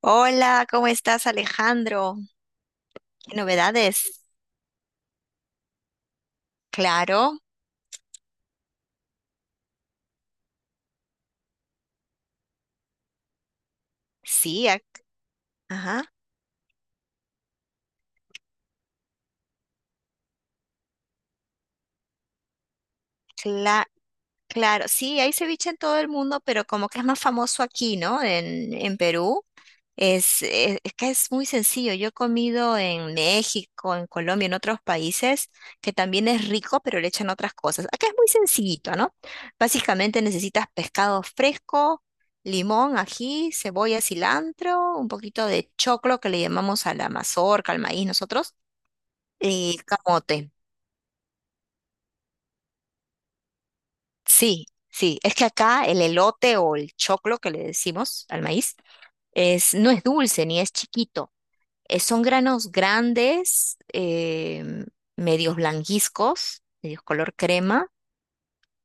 Hola, ¿cómo estás, Alejandro? ¿Qué novedades? Claro, sí, ajá, cla- claro, sí, hay ceviche en todo el mundo, pero como que es más famoso aquí, ¿no? En Perú. Es que es muy sencillo. Yo he comido en México, en Colombia, en otros países, que también es rico, pero le echan otras cosas. Acá es muy sencillito, ¿no? Básicamente necesitas pescado fresco, limón, ají, cebolla, cilantro, un poquito de choclo que le llamamos a la mazorca, al maíz nosotros, y camote. Sí, sí. Es que acá el elote o el choclo que le decimos al maíz es, no es dulce ni es chiquito. Son granos grandes, medios blanquizcos, medios color crema,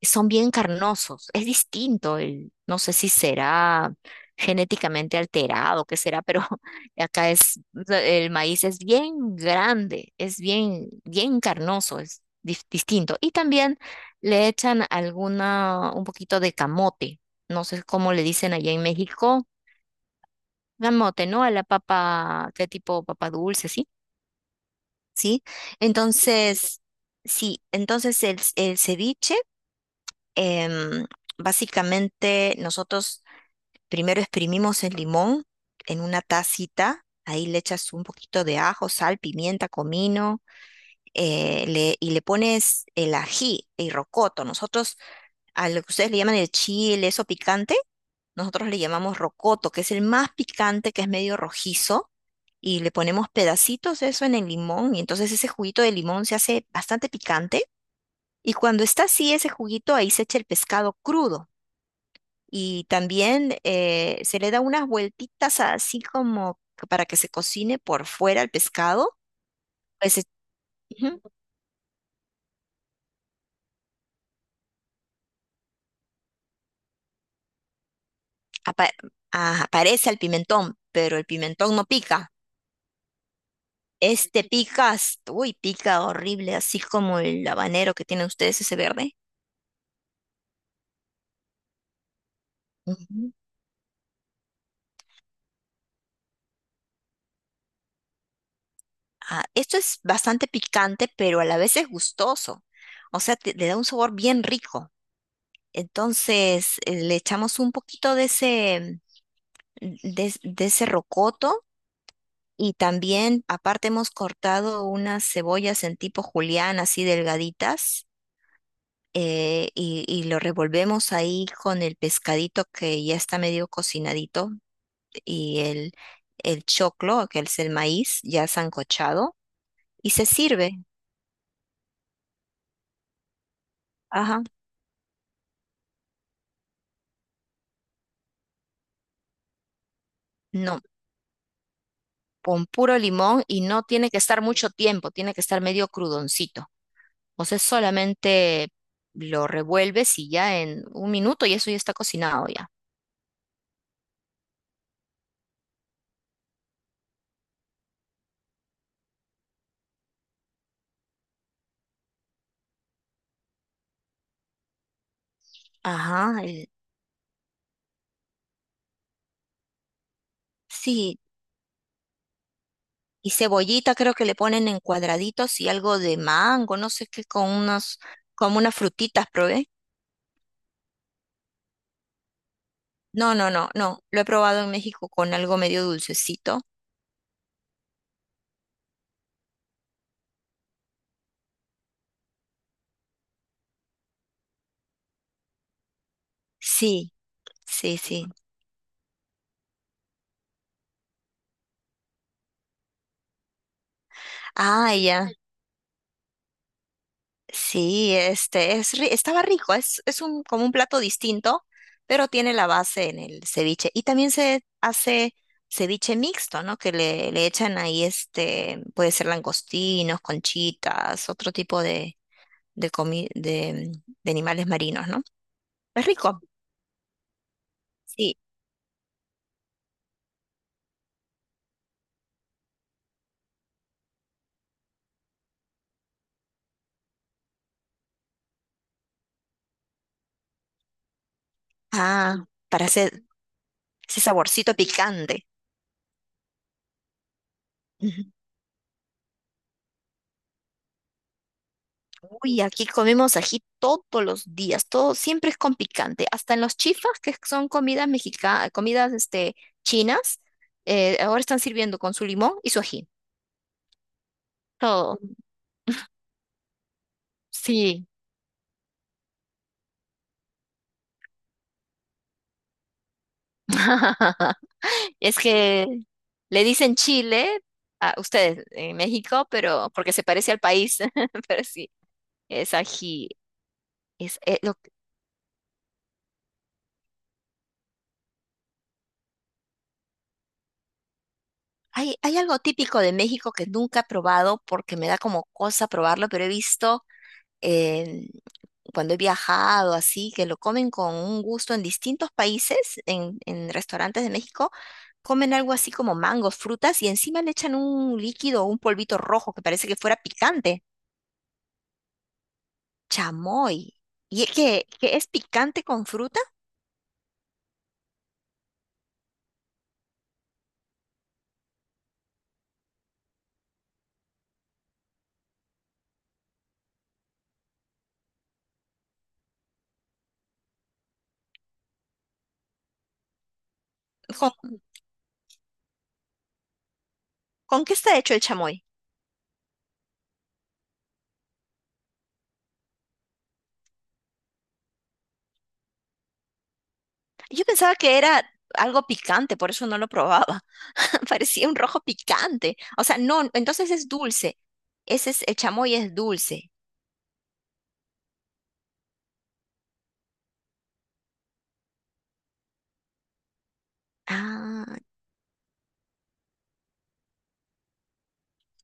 y son bien carnosos. Es distinto, no sé si será genéticamente alterado, qué será, pero acá es, el maíz es bien grande, es bien, bien carnoso, es distinto. Y también le echan alguna, un poquito de camote. No sé cómo le dicen allá en México. Camote, ¿no? A la papa, ¿qué tipo? Papa dulce, ¿sí? ¿Sí? Entonces, sí, entonces el ceviche, em, básicamente nosotros primero exprimimos el limón en una tacita, ahí le echas un poquito de ajo, sal, pimienta, comino, y le pones el ají, el rocoto. Nosotros, a lo que ustedes le llaman el chile, eso picante, nosotros le llamamos rocoto, que es el más picante, que es medio rojizo y le ponemos pedacitos de eso en el limón y entonces ese juguito de limón se hace bastante picante y cuando está así ese juguito ahí se echa el pescado crudo y también se le da unas vueltitas así como que para que se cocine por fuera el pescado, pues se- ujú, apa- aparece el pimentón, pero el pimentón no pica. Este pica, uy, pica horrible, así como el habanero que tienen ustedes, ese verde. Ujú. Ah, esto es bastante picante, pero a la vez es gustoso. O sea, le da un sabor bien rico. Entonces, le echamos un poquito de ese, de ese rocoto y también, aparte, hemos cortado unas cebollas en tipo julián, así delgaditas, y lo revolvemos ahí con el pescadito que ya está medio cocinadito y el choclo, que es el maíz, ya sancochado, y se sirve. Ajá. No, con puro limón y no tiene que estar mucho tiempo, tiene que estar medio crudoncito. O sea, solamente lo revuelves y ya en un minuto y eso ya está cocinado ya. Ajá, sí. Y cebollita creo que le ponen en cuadraditos y algo de mango, no sé qué, con unos, como unas frutitas, probé. No, no, no, no. Lo he probado en México con algo medio dulcecito. Sí, sí, sí. Ah, ya. Sí, este es estaba rico, es un como un plato distinto, pero tiene la base en el ceviche. Y también se hace ceviche mixto, ¿no? Que le echan ahí este, puede ser langostinos, conchitas, otro tipo de, de, comi- de, de animales marinos, ¿no? Es rico. Sí. Ah, para hacer ese saborcito picante. Uy, aquí comemos ají todos los días, todo siempre es con picante, hasta en los chifas, que son comidas mexicanas, comidas este, chinas, ahora están sirviendo con su limón y su ají, todo, sí. Es que le dicen Chile a ustedes en México, pero porque se parece al país, pero sí, es ají. Es, eh, lo- Hay, hay algo típico de México que nunca he probado porque me da como cosa probarlo, pero he visto cuando he viajado así, que lo comen con un gusto en distintos países, en restaurantes de México, comen algo así como mangos, frutas y encima le echan un líquido, un polvito rojo que parece que fuera picante. Chamoy. ¿Y es que es picante con fruta? ¿Con, con qué está hecho el chamoy? Yo pensaba que era algo picante, por eso no lo probaba. Parecía un rojo picante. O sea, no, entonces es dulce. Ese es, el chamoy es dulce. Ah.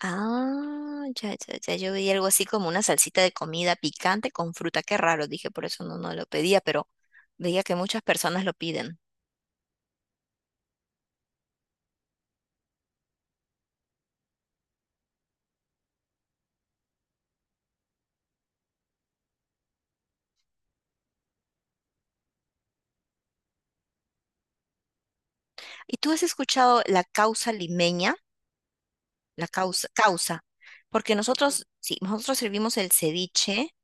Ah, ya, ya, ya, yo vi algo así como una salsita de comida picante con fruta, qué raro, dije, por eso no, no lo pedía, pero veía que muchas personas lo piden. ¿Y tú has escuchado la causa limeña? La causa, causa, porque nosotros, sí, nosotros servimos el ceviche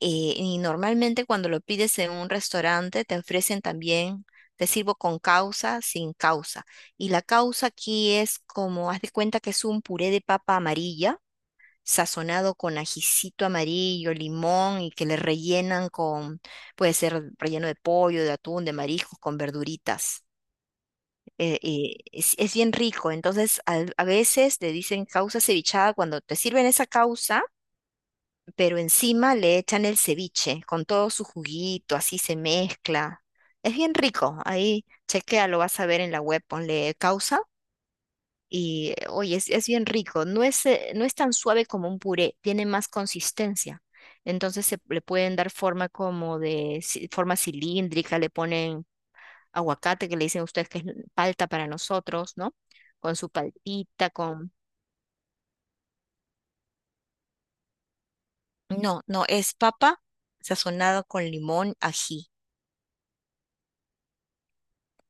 y normalmente cuando lo pides en un restaurante te ofrecen también, te sirvo con causa, sin causa. Y la causa aquí es como, haz de cuenta que es un puré de papa amarilla sazonado con ajicito amarillo, limón y que le rellenan con, puede ser relleno de pollo, de atún, de mariscos, con verduritas. Es bien rico, entonces a veces le dicen causa cevichada cuando te sirven esa causa, pero encima le echan el ceviche con todo su juguito, así se mezcla. Es bien rico, ahí chequea, lo vas a ver en la web, ponle causa y oye, es bien rico. No es, no es tan suave como un puré, tiene más consistencia. Entonces se le pueden dar forma como de forma cilíndrica, le ponen aguacate, que le dicen ustedes que es palta para nosotros, ¿no? Con su paltita, con... No, no, es papa sazonada con limón, ají.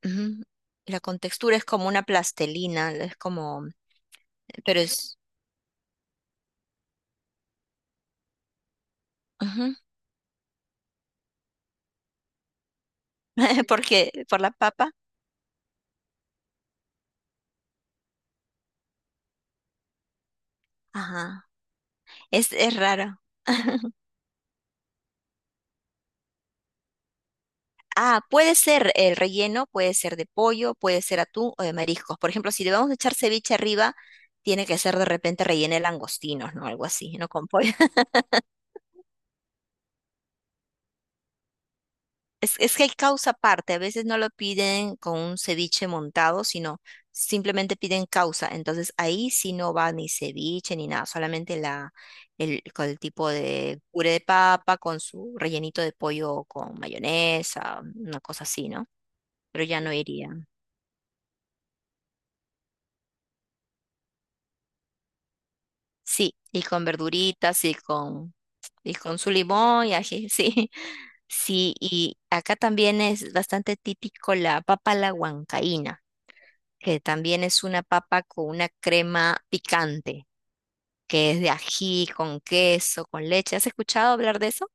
Ujú. La contextura es como una plastelina, es como, pero es ujú, porque por la papa, ajá, es raro. Ah, puede ser el relleno, puede ser de pollo, puede ser atún o de mariscos. Por ejemplo, si le vamos a echar ceviche arriba, tiene que ser de repente relleno de langostinos, ¿no? Algo así, no con pollo. Es que hay causa aparte, a veces no lo piden con un ceviche montado, sino simplemente piden causa. Entonces ahí sí no va ni ceviche ni nada, solamente con el tipo de puré de papa con su rellenito de pollo con mayonesa, una cosa así, ¿no? Pero ya no iría. Sí, y con verduritas y con su limón y ají, sí. Sí, y acá también es bastante típico la papa a la huancaína, que también es una papa con una crema picante, que es de ají, con queso, con leche. ¿Has escuchado hablar de eso?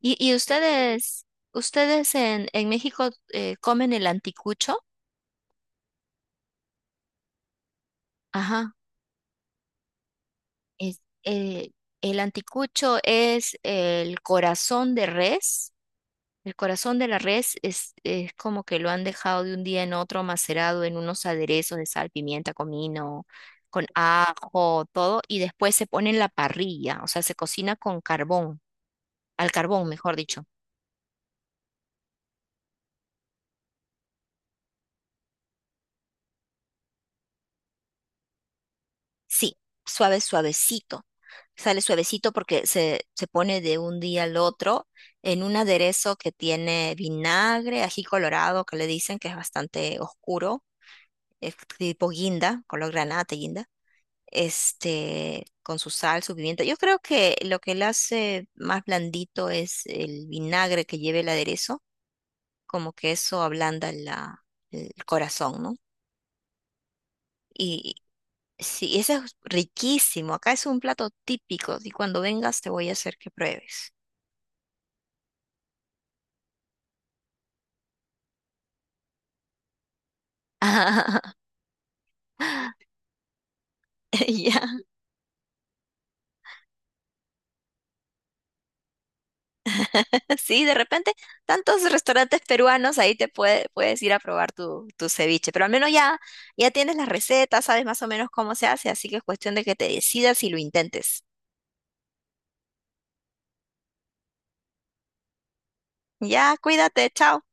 ¿Y, y ustedes, ¿Ustedes en México comen el anticucho? Ajá. Es, eh, el anticucho es el corazón de res. El corazón de la res es como que lo han dejado de un día en otro macerado en unos aderezos de sal, pimienta, comino, con ajo, todo, y después se pone en la parrilla, o sea, se cocina con carbón, al carbón, mejor dicho. Sí, suave, suavecito. Sale suavecito porque se pone de un día al otro en un aderezo que tiene vinagre, ají colorado, que le dicen que es bastante oscuro, es tipo guinda, color granate, guinda. Este, con su sal, su pimienta. Yo creo que lo que le hace más blandito es el vinagre que lleva el aderezo, como que eso ablanda la, el corazón, ¿no? Y sí, ese es riquísimo. Acá es un plato típico y cuando vengas te voy a hacer que pruebes. Ya. Sí, de repente tantos restaurantes peruanos ahí puedes ir a probar tu, tu ceviche, pero al menos ya, ya tienes las recetas, sabes más o menos cómo se hace, así que es cuestión de que te decidas y lo intentes. Ya, cuídate, chao.